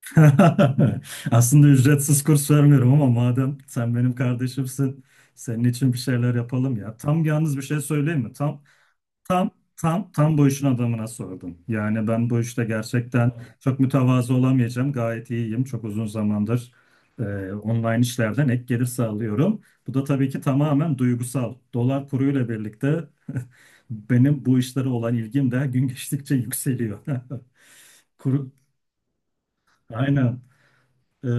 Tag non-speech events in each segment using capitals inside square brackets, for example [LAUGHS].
[LAUGHS] Aslında ücretsiz kurs vermiyorum ama madem sen benim kardeşimsin, senin için bir şeyler yapalım ya. Tam yalnız bir şey söyleyeyim mi? Tam tam bu işin adamına sordum. Yani ben bu işte gerçekten çok mütevazı olamayacağım. Gayet iyiyim. Çok uzun zamandır e, online işlerden ek gelir sağlıyorum. Bu da tabii ki tamamen duygusal. Dolar kuruyla birlikte benim bu işlere olan ilgim de gün geçtikçe yükseliyor. [LAUGHS] Kuru, aynen. E,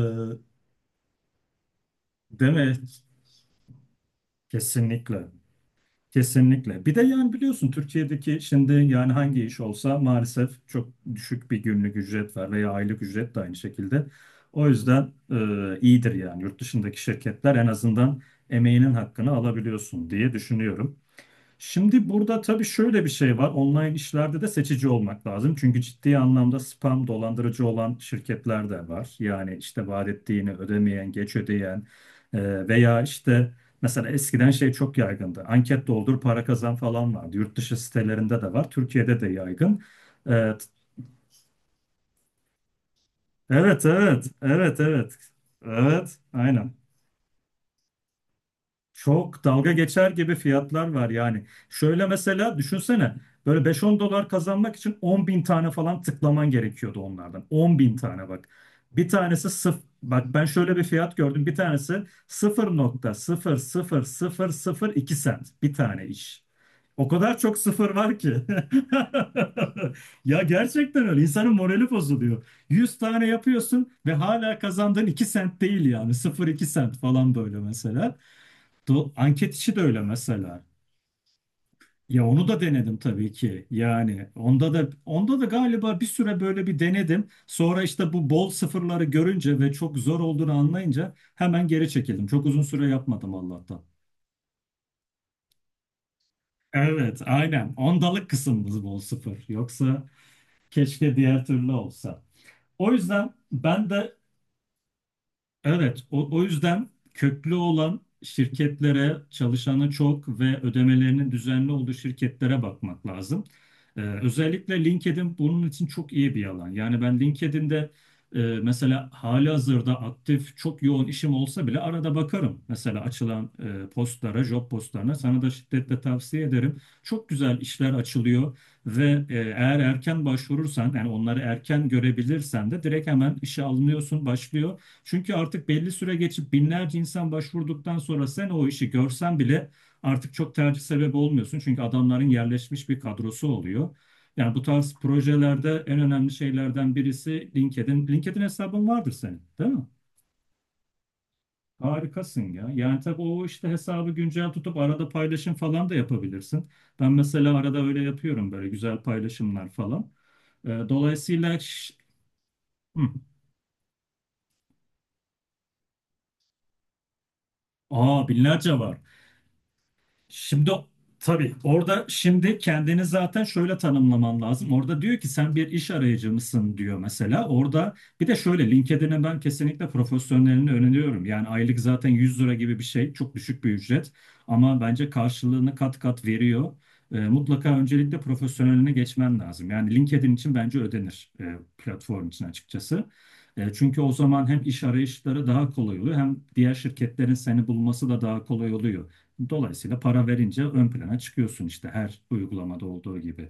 Değil mi? Kesinlikle. Kesinlikle. Bir de yani biliyorsun Türkiye'deki şimdi yani hangi iş olsa maalesef çok düşük bir günlük ücret var veya aylık ücret de aynı şekilde. O yüzden iyidir yani yurt dışındaki şirketler en azından emeğinin hakkını alabiliyorsun diye düşünüyorum. Şimdi burada tabii şöyle bir şey var. Online işlerde de seçici olmak lazım. Çünkü ciddi anlamda spam dolandırıcı olan şirketler de var. Yani işte vaat ettiğini ödemeyen, geç ödeyen veya işte mesela eskiden şey çok yaygındı. Anket doldur, para kazan falan vardı. Yurt dışı sitelerinde de var. Türkiye'de de yaygın. Evet, evet, evet, evet, evet. Evet, aynen. Çok dalga geçer gibi fiyatlar var yani. Şöyle mesela düşünsene böyle beş on dolar kazanmak için 10.000 tane falan tıklaman gerekiyordu onlardan. 10.000 tane bak. Bir tanesi sıfır. Bak ben şöyle bir fiyat gördüm. Bir tanesi 0,00002 sent. Bir tane iş. O kadar çok sıfır var ki. [LAUGHS] Ya gerçekten öyle. İnsanın morali bozuluyor. 100 tane yapıyorsun ve hala kazandığın 2 sent değil yani. 0,2 sent falan böyle mesela. Anket işi de öyle mesela. Ya onu da denedim tabii ki. Yani onda da galiba bir süre böyle bir denedim. Sonra işte bu bol sıfırları görünce ve çok zor olduğunu anlayınca hemen geri çekildim. Çok uzun süre yapmadım Allah'tan. Evet, aynen. Ondalık kısmımız bol sıfır. Yoksa keşke diğer türlü olsa. O yüzden ben de. Evet, o yüzden köklü olan şirketlere çalışanı çok ve ödemelerinin düzenli olduğu şirketlere bakmak lazım. Özellikle LinkedIn bunun için çok iyi bir alan. Yani ben LinkedIn'de mesela halihazırda aktif çok yoğun işim olsa bile arada bakarım. Mesela açılan postlara, job postlarına sana da şiddetle tavsiye ederim. Çok güzel işler açılıyor ve eğer erken başvurursan yani onları erken görebilirsen de direkt hemen işe alınıyorsun, başlıyor. Çünkü artık belli süre geçip binlerce insan başvurduktan sonra sen o işi görsen bile artık çok tercih sebebi olmuyorsun. Çünkü adamların yerleşmiş bir kadrosu oluyor. Yani bu tarz projelerde en önemli şeylerden birisi LinkedIn. LinkedIn hesabın vardır senin, değil mi? Harikasın ya. Yani tabii o işte hesabı güncel tutup arada paylaşım falan da yapabilirsin. Ben mesela arada öyle yapıyorum böyle güzel paylaşımlar falan. Dolayısıyla... hı. Aa, binlerce var. Şimdi tabii orada şimdi kendini zaten şöyle tanımlaman lazım. Orada diyor ki sen bir iş arayıcı mısın diyor mesela. Orada bir de şöyle LinkedIn'e ben kesinlikle profesyonelini öneriyorum. Yani aylık zaten 100 lira gibi bir şey. Çok düşük bir ücret. Ama bence karşılığını kat kat veriyor. Mutlaka öncelikle profesyoneline geçmen lazım. Yani LinkedIn için bence ödenir platform için açıkçası. Çünkü o zaman hem iş arayışları daha kolay oluyor hem diğer şirketlerin seni bulması da daha kolay oluyor. Dolayısıyla para verince ön plana çıkıyorsun işte her uygulamada olduğu gibi.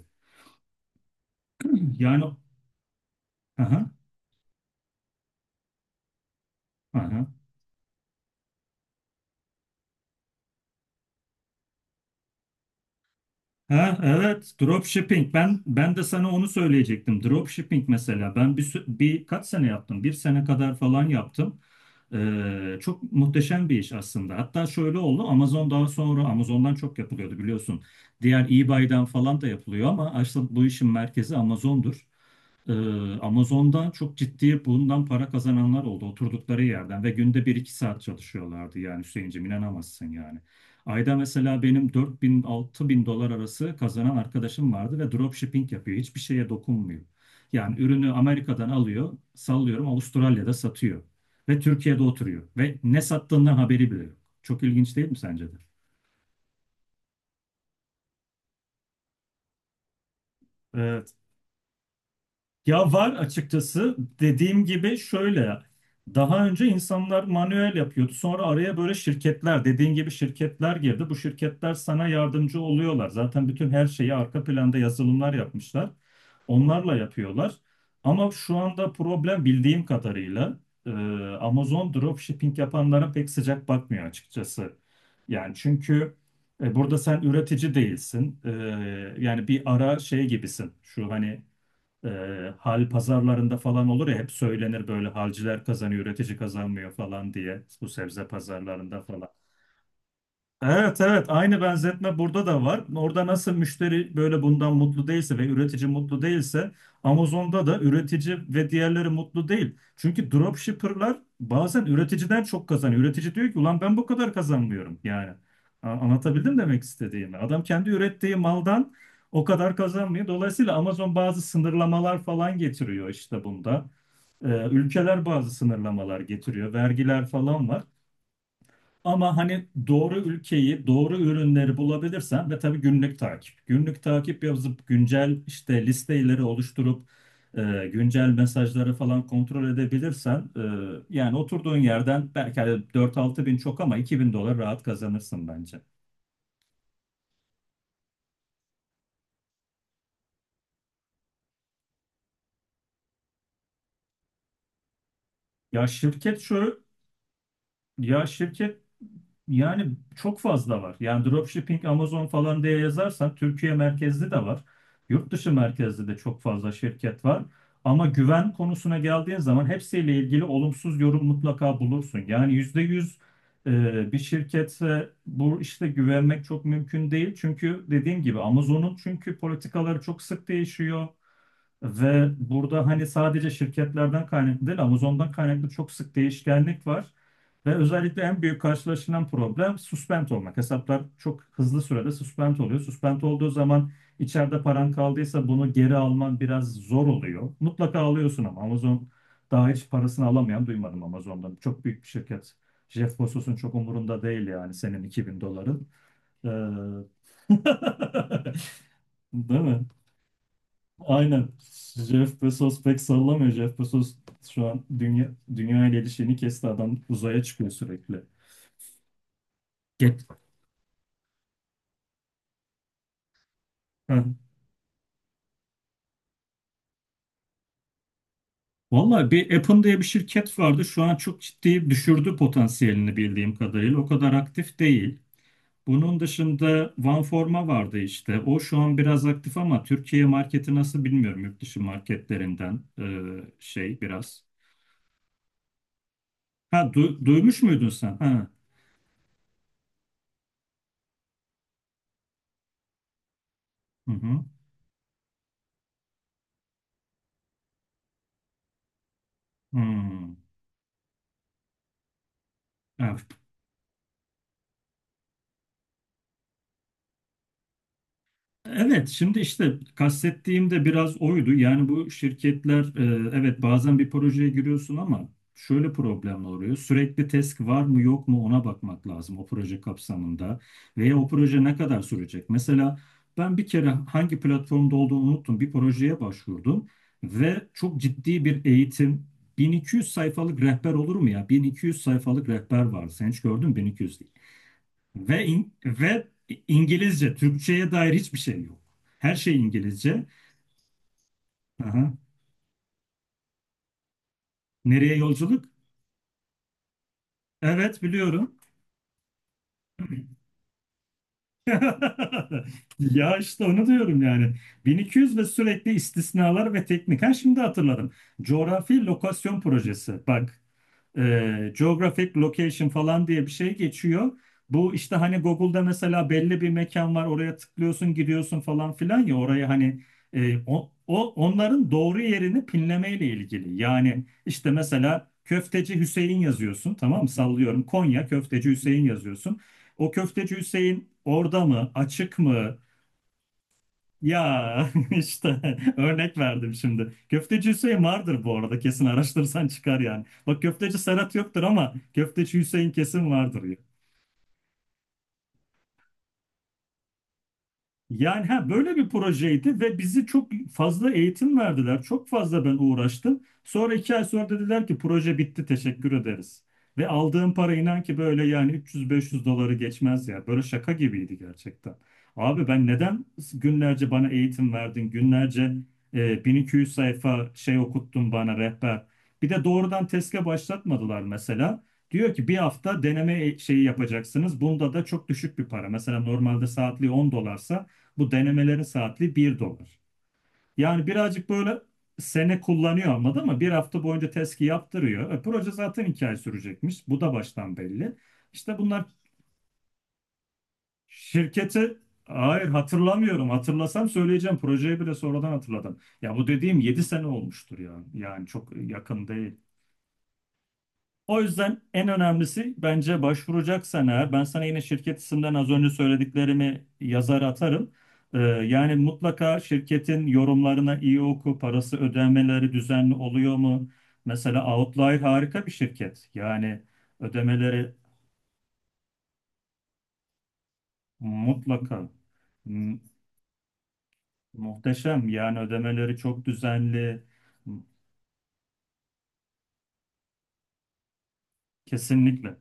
Yani aha, aha. Ha, evet, dropshipping ben de sana onu söyleyecektim. Dropshipping mesela ben bir kaç sene yaptım, bir sene kadar falan yaptım. Çok muhteşem bir iş aslında, hatta şöyle oldu. Amazon daha sonra Amazon'dan çok yapılıyordu biliyorsun, diğer eBay'den falan da yapılıyor ama aslında bu işin merkezi Amazon'dur. Ee, Amazon'dan çok ciddi bundan para kazananlar oldu oturdukları yerden ve günde bir iki saat çalışıyorlardı. Yani Hüseyin'cim inanamazsın yani. Ayda mesela benim 4000 bin dolar arası kazanan arkadaşım vardı ve dropshipping yapıyor. Hiçbir şeye dokunmuyor. Yani ürünü Amerika'dan alıyor, sallıyorum Avustralya'da satıyor ve Türkiye'de oturuyor ve ne sattığından haberi bile yok. Çok ilginç değil mi sence de? Ya var açıkçası, dediğim gibi şöyle, daha önce insanlar manuel yapıyordu, sonra araya böyle şirketler, dediğin gibi şirketler girdi. Bu şirketler sana yardımcı oluyorlar, zaten bütün her şeyi arka planda yazılımlar yapmışlar, onlarla yapıyorlar. Ama şu anda problem, bildiğim kadarıyla e, Amazon dropshipping yapanlara pek sıcak bakmıyor açıkçası. Yani çünkü burada sen üretici değilsin. Yani bir ara şey gibisin şu hani e, hal pazarlarında falan olur ya, hep söylenir böyle, halciler kazanıyor, üretici kazanmıyor falan diye, bu sebze pazarlarında falan. Evet evet, aynı benzetme burada da var. Orada nasıl müşteri böyle bundan mutlu değilse ve üretici mutlu değilse, Amazon'da da üretici ve diğerleri mutlu değil. Çünkü dropshipper'lar bazen üreticiden çok kazanıyor. Üretici diyor ki ulan ben bu kadar kazanmıyorum yani. Anlatabildim demek istediğimi. Adam kendi ürettiği maldan o kadar kazanmıyor. Dolayısıyla Amazon bazı sınırlamalar falan getiriyor işte bunda. Ülkeler bazı sınırlamalar getiriyor. Vergiler falan var. Ama hani doğru ülkeyi, doğru ürünleri bulabilirsen ve tabii günlük takip. Günlük takip yazıp güncel işte listeleri oluşturup e, güncel mesajları falan kontrol edebilirsen yani oturduğun yerden belki hani 4-6 bin çok ama 2 bin dolar rahat kazanırsın bence. Ya şirket şöyle, Ya şirket yani çok fazla var. Yani dropshipping Amazon falan diye yazarsan Türkiye merkezli de var. Yurt dışı merkezli de çok fazla şirket var. Ama güven konusuna geldiğin zaman hepsiyle ilgili olumsuz yorum mutlaka bulursun. Yani %100 bir şirkete bu işte güvenmek çok mümkün değil. Çünkü dediğim gibi Amazon'un çünkü politikaları çok sık değişiyor. Ve burada hani sadece şirketlerden kaynaklı değil, Amazon'dan kaynaklı çok sık değişkenlik var. Ve özellikle en büyük karşılaşılan problem suspend olmak. Hesaplar çok hızlı sürede suspend oluyor. Suspend olduğu zaman içeride paran kaldıysa bunu geri alman biraz zor oluyor. Mutlaka alıyorsun ama Amazon, daha hiç parasını alamayan duymadım Amazon'dan. Çok büyük bir şirket. Jeff Bezos'un çok umurunda değil yani senin 2000 doların. Ee, [LAUGHS] Değil mi? Aynen. Jeff Bezos pek sallamıyor. Jeff Bezos şu an dünya ile ilişkini kesti, adam uzaya çıkıyor sürekli. Get. Ha. Vallahi bir Apple diye bir şirket vardı. Şu an çok ciddi düşürdü potansiyelini bildiğim kadarıyla. O kadar aktif değil. Bunun dışında OneForma vardı işte. O şu an biraz aktif ama Türkiye marketi nasıl bilmiyorum. Yurt dışı marketlerinden şey biraz. Ha, duymuş muydun sen? Ha. Hı hı. Hmm. Evet. Evet, şimdi işte kastettiğim de biraz oydu. Yani bu şirketler, evet, bazen bir projeye giriyorsun ama şöyle problemler oluyor. Sürekli test var mı yok mu, ona bakmak lazım o proje kapsamında. Veya o proje ne kadar sürecek? Mesela ben bir kere hangi platformda olduğunu unuttum. Bir projeye başvurdum ve çok ciddi bir eğitim. 1200 sayfalık rehber olur mu ya? 1200 sayfalık rehber var. Sen hiç gördün mü 1200? Ve İngilizce, Türkçe'ye dair hiçbir şey yok. Her şey İngilizce. Aha. Nereye yolculuk? Evet biliyorum. [LAUGHS] Ya işte onu diyorum yani. 1200 ve sürekli istisnalar ve teknik. Ha şimdi hatırladım. Coğrafi lokasyon projesi. Bak geographic location falan diye bir şey geçiyor. Bu işte hani Google'da mesela belli bir mekan var, oraya tıklıyorsun gidiyorsun falan filan ya, oraya hani onların doğru yerini pinlemeyle ilgili. Yani işte mesela Köfteci Hüseyin yazıyorsun tamam mı, sallıyorum Konya Köfteci Hüseyin yazıyorsun. O Köfteci Hüseyin orada mı, açık mı ya? [LAUGHS] işte örnek verdim şimdi. Köfteci Hüseyin vardır bu arada, kesin araştırırsan çıkar yani. Bak köfteci Serhat yoktur ama köfteci Hüseyin kesin vardır. Yani ha, böyle bir projeydi ve bizi çok fazla eğitim verdiler. Çok fazla ben uğraştım. Sonra 2 ay sonra dediler ki proje bitti, teşekkür ederiz. Ve aldığım para, inan ki böyle yani 300-500 doları geçmez ya. Böyle şaka gibiydi gerçekten. Abi ben neden günlerce bana eğitim verdin? Günlerce 1200 sayfa şey okuttun bana, rehber. Bir de doğrudan TESK'e başlatmadılar mesela. Diyor ki bir hafta deneme şeyi yapacaksınız. Bunda da çok düşük bir para. Mesela normalde saatli 10 dolarsa bu denemelerin saatli 1 dolar. Yani birazcık böyle sene kullanıyor, anladın, ama bir hafta boyunca testi yaptırıyor. Proje zaten 2 ay sürecekmiş. Bu da baştan belli. İşte bunlar. Şirketi hayır hatırlamıyorum. Hatırlasam söyleyeceğim. Projeyi bile sonradan hatırladım. Ya bu dediğim 7 sene olmuştur ya. Yani çok yakın değil. O yüzden en önemlisi bence, başvuracaksan eğer, ben sana yine şirket isimden az önce söylediklerimi yazar atarım. Yani mutlaka şirketin yorumlarına iyi oku, parası ödemeleri düzenli oluyor mu? Mesela Outlier harika bir şirket. Yani ödemeleri mutlaka mu- muhteşem. Yani ödemeleri çok düzenli. Kesinlikle.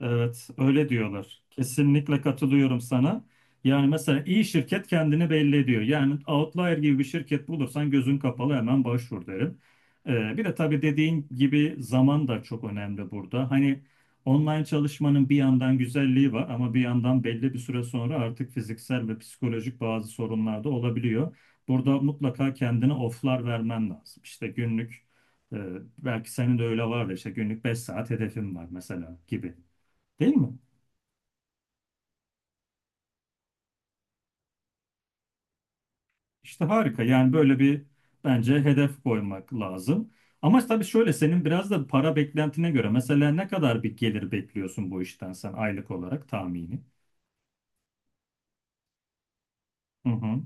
Evet, öyle diyorlar. Kesinlikle katılıyorum sana. Yani mesela iyi şirket kendini belli ediyor. Yani Outlier gibi bir şirket bulursan gözün kapalı hemen başvur derim. Bir de tabii dediğin gibi zaman da çok önemli burada. Hani online çalışmanın bir yandan güzelliği var ama bir yandan belli bir süre sonra artık fiziksel ve psikolojik bazı sorunlar da olabiliyor. Burada mutlaka kendine off'lar vermen lazım. İşte günlük, e, belki senin de öyle vardır. İşte günlük 5 saat hedefim var mesela gibi. Değil mi? İşte harika. Yani böyle bir bence hedef koymak lazım. Ama tabii şöyle senin biraz da para beklentine göre, mesela ne kadar bir gelir bekliyorsun bu işten sen aylık olarak tahmini? Hı hı,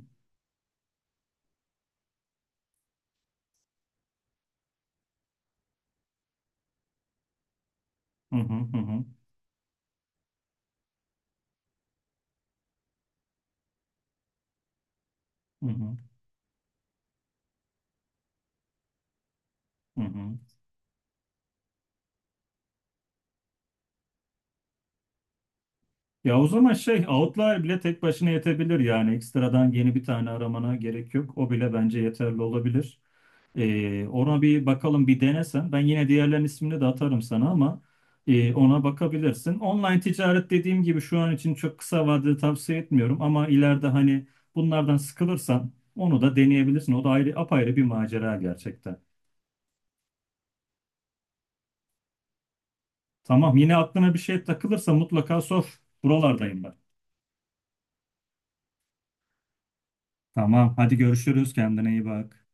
hı hı, hı hı, hı hı, hı. Ya o zaman şey, Outlier bile tek başına yetebilir yani, ekstradan yeni bir tane aramana gerek yok. O bile bence yeterli olabilir. Ona bir bakalım, bir denesen. Ben yine diğerlerin ismini de atarım sana ama ona bakabilirsin. Online ticaret, dediğim gibi, şu an için çok kısa vadede tavsiye etmiyorum ama ileride hani bunlardan sıkılırsan onu da deneyebilirsin. O da ayrı apayrı bir macera gerçekten. Tamam, yine aklına bir şey takılırsa mutlaka sor. Buralardayım ben. Tamam, hadi görüşürüz, kendine iyi bak.